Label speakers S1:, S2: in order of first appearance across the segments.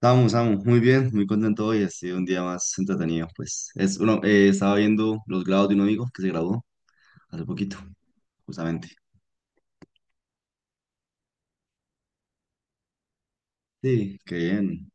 S1: Vamos, vamos, muy bien, muy contento hoy, ha sido un día más entretenido, pues. Es uno, estaba viendo los grados de un amigo que se graduó hace poquito, justamente. Sí, qué bien.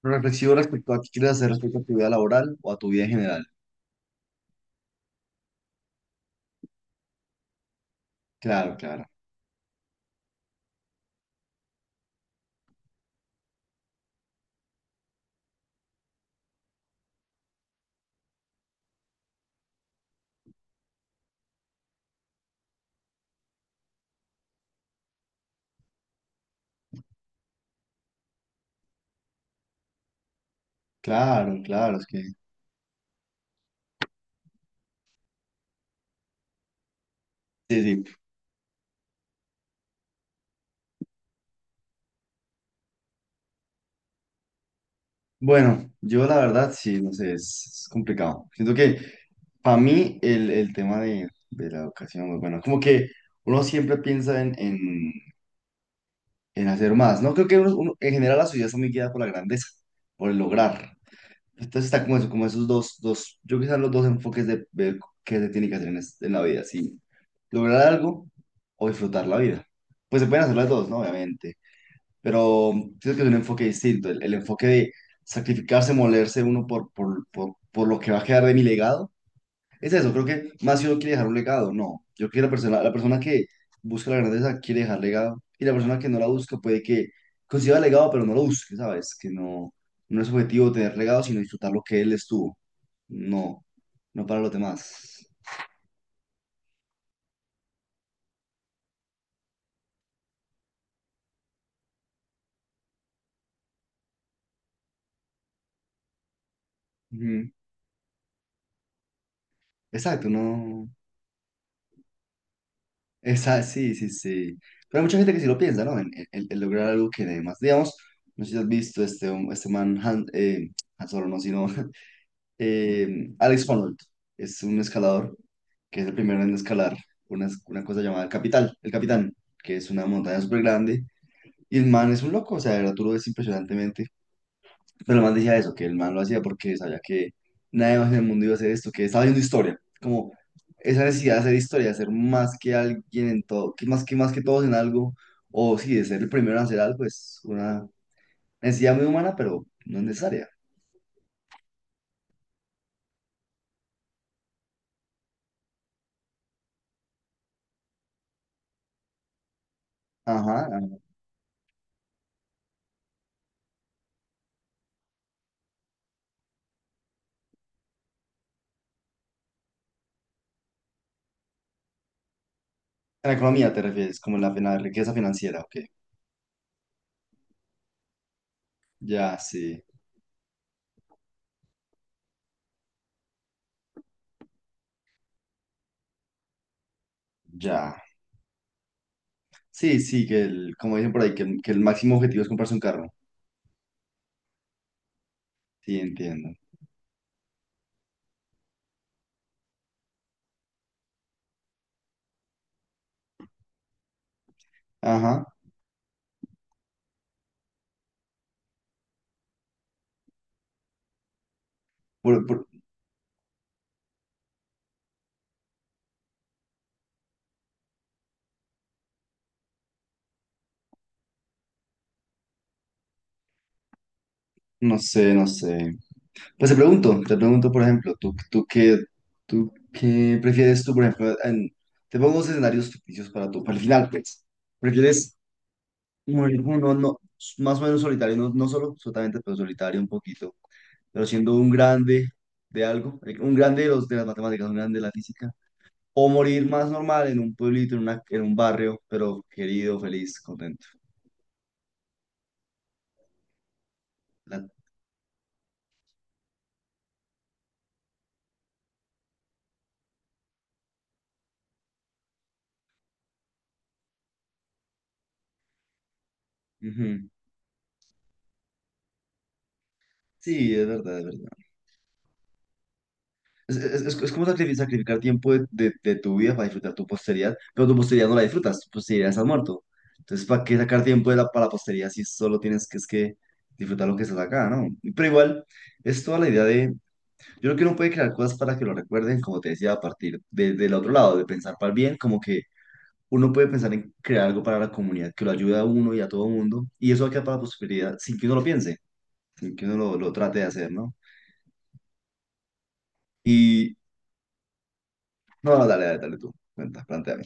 S1: Pero reflexivo respecto a qué quieres hacer respecto a tu vida laboral o a tu vida en general. Claro, claro, claro, claro, es que... Sí, sí. Bueno, yo la verdad, sí, no sé, es complicado. Siento que para mí el tema de la educación, pues, bueno, como que uno siempre piensa en, en hacer más, ¿no? Creo que en general la sociedad está muy guiada por la grandeza, por el lograr. Entonces está como, eso, como esos yo quizás los dos enfoques de qué se tiene que hacer en, en la vida, si lograr algo o disfrutar la vida. Pues se pueden hacer las dos, ¿no? Obviamente, pero creo que es un enfoque distinto, el enfoque de sacrificarse, molerse uno por lo que va a quedar de mi legado es eso, creo que más si uno quiere dejar un legado, no. Yo creo que la persona que busca la grandeza quiere dejar legado y la persona que no la busca puede que consiga legado, pero no lo busque, ¿sabes? Que no, no es objetivo tener legado, sino disfrutar lo que él estuvo. No, no para los demás. Ujú. Exacto, no. Esa, sí, sí, sí. Pero hay mucha gente que sí lo piensa, ¿no? En, en lograr algo que demás. Digamos, no sé si has visto este, este man, Han, Han Solo, no, sino Alex von Holt es un escalador que es el primero en escalar una cosa llamada el Capital, el Capitán, que es una montaña súper grande. Y el man es un loco, o sea, de verdad tú lo ves impresionantemente. Pero el man decía eso, que el man lo hacía porque sabía que nadie más en el mundo iba a hacer esto, que estaba viendo historia. Como esa necesidad de hacer historia, de ser más que alguien en todo, que más que, más que todos en algo, o sí, de ser el primero en hacer algo, es una necesidad muy humana, pero no es necesaria. Ajá, en la economía te refieres, como en la, riqueza financiera, ok. Ya, sí, ya. Sí, sí, que el, como dicen por ahí, que el máximo objetivo es comprarse un carro. Sí, entiendo. Ajá. Por- por- no sé, no sé. Pues te pregunto, por ejemplo, ¿tú, tú qué prefieres tú, por ejemplo, en- te pongo dos escenarios ficticios para tú, para el final, pues. ¿Prefieres morir como uno, no, más o menos solitario, no, no solo, solamente, pero solitario un poquito? Pero siendo un grande de algo, un grande de, los, de las matemáticas, un grande de la física, o morir más normal en un pueblito, en, en un barrio, pero querido, feliz, contento. La- Ujú. Sí, es verdad, es verdad. Es, es como sacrificar tiempo de, de tu vida para disfrutar tu posteridad, pero tu posteridad no la disfrutas, tu posteridad está muerto. Entonces, ¿para qué sacar tiempo de la, para la posteridad si solo tienes que, es que disfrutar lo que estás acá, ¿no? Pero igual, es toda la idea de yo creo que uno puede crear cosas para que lo recuerden, como te decía, a partir del otro lado, de pensar para el bien, como que uno puede pensar en crear algo para la comunidad que lo ayude a uno y a todo mundo, y eso va a quedar para la posibilidad sin que uno lo piense, sin que uno lo trate de hacer, ¿no? Y, no, no, dale, dale, dale tú, cuenta, plantéame.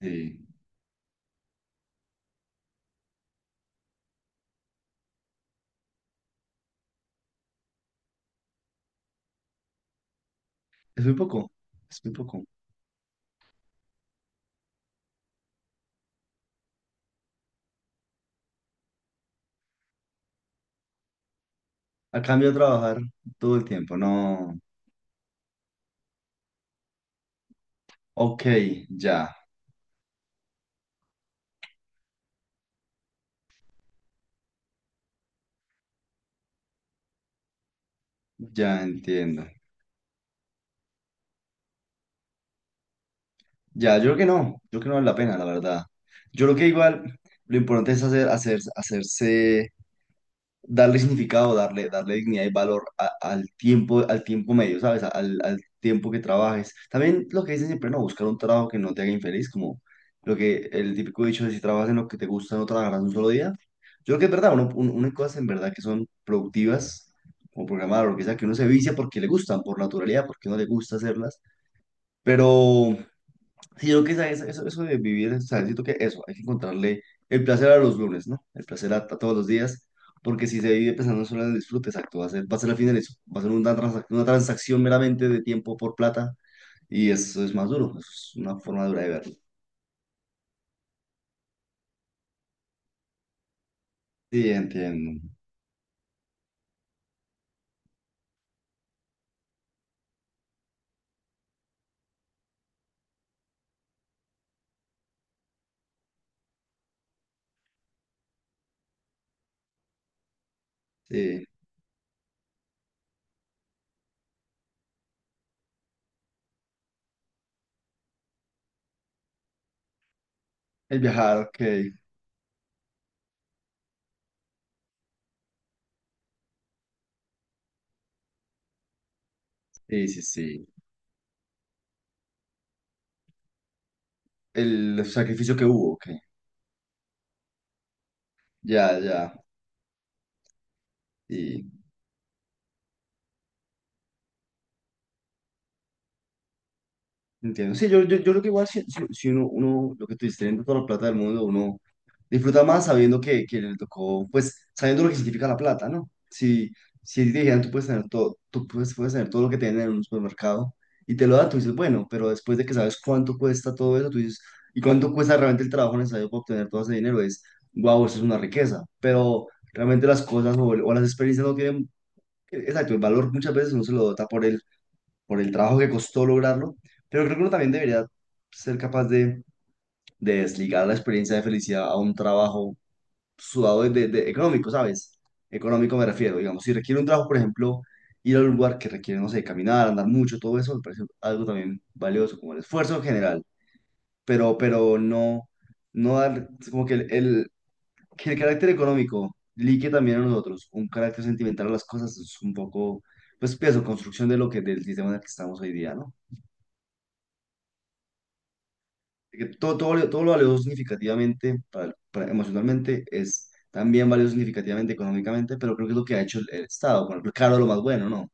S1: Sí, es muy poco, es muy poco. A cambio de trabajar todo el tiempo, no. Ok, ya, ya entiendo. Ya, yo creo que no, yo creo que no vale la pena, la verdad. Yo creo que igual lo importante es hacer, hacerse darle significado, darle, darle dignidad y valor al tiempo medio, ¿sabes? Al, al tiempo que trabajes. También lo que dicen siempre, no, buscar un trabajo que no te haga infeliz, como lo que el típico dicho de si trabajas en lo que te gusta, no trabajarás un solo día. Yo creo que es verdad, uno hay cosas en verdad que son productivas, como programar o lo que sea, que uno se vicia porque le gustan, por naturalidad, porque no le gusta hacerlas, pero sí, yo creo que eso, eso de vivir, o sea, siento que eso, hay que encontrarle el placer a los lunes, ¿no? El placer a todos los días, porque si se vive pensando solo en el disfrute, exacto, va a ser al final eso, va a ser una, una transacción meramente de tiempo por plata, y eso es más duro, eso es una forma dura de verlo. Sí, entiendo. Sí, el viajar, ok. Sí, sí, sí. El sacrificio que hubo, ok. Ya, ya. Sí. Entiendo. Sí, yo creo que igual si, si uno, uno, lo que tú dices, teniendo toda la plata del mundo, uno disfruta más sabiendo que le tocó, pues sabiendo lo que significa la plata, ¿no? Si, si te dijeran, tú puedes tener todo, tú puedes, puedes tener todo lo que te venden en un supermercado y te lo dan, tú dices, bueno, pero después de que sabes cuánto cuesta todo eso, tú dices, y cuánto cuesta realmente el trabajo necesario para obtener todo ese dinero, es, wow, eso es una riqueza. Pero realmente las cosas o las experiencias no tienen, exacto, el valor muchas veces uno se lo da por el trabajo que costó lograrlo, pero creo que uno también debería ser capaz de desligar la experiencia de felicidad a un trabajo sudado de, económico, ¿sabes? Económico me refiero, digamos, si requiere un trabajo, por ejemplo, ir a un lugar que requiere, no sé, caminar, andar mucho, todo eso me parece algo también valioso, como el esfuerzo en general, pero no, no dar, es como que el, que el carácter económico ligue también a nosotros, un carácter sentimental a las cosas es un poco, pues, pienso, construcción de lo que, del sistema en el que estamos hoy día, ¿no? Que todo, todo, todo lo valioso significativamente, emocionalmente, es también valioso significativamente económicamente, pero creo que es lo que ha hecho el Estado, ponerlo caro lo más bueno, ¿no?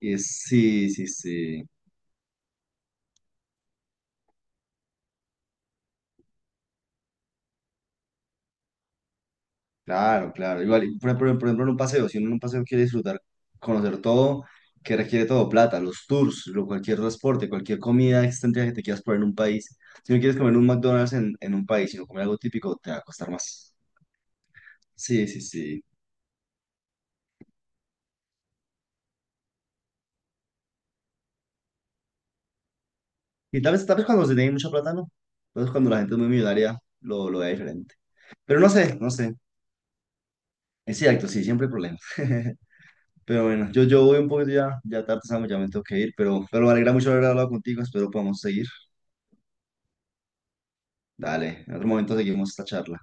S1: Y es, sí, sí, sí, claro, claro. Igual, y por ejemplo, en un paseo, si uno en un paseo quiere disfrutar, conocer todo, que requiere todo, plata, los tours, lo, cualquier transporte, cualquier comida extendida que te quieras poner en un país. Si no quieres comer un McDonald's en un país, sino comer algo típico, te va a costar más. Sí, sí, sí. Y tal vez cuando se tiene mucha plata, no. Tal vez cuando la gente es muy millonaria, lo vea diferente. Pero no sé, no sé. Es cierto, sí, siempre hay problemas. Pero bueno, yo voy un poquito ya, ya tarde, Samu, ya me tengo que ir, pero me alegra mucho haber hablado contigo, espero podamos seguir. Dale, en otro momento seguimos esta charla.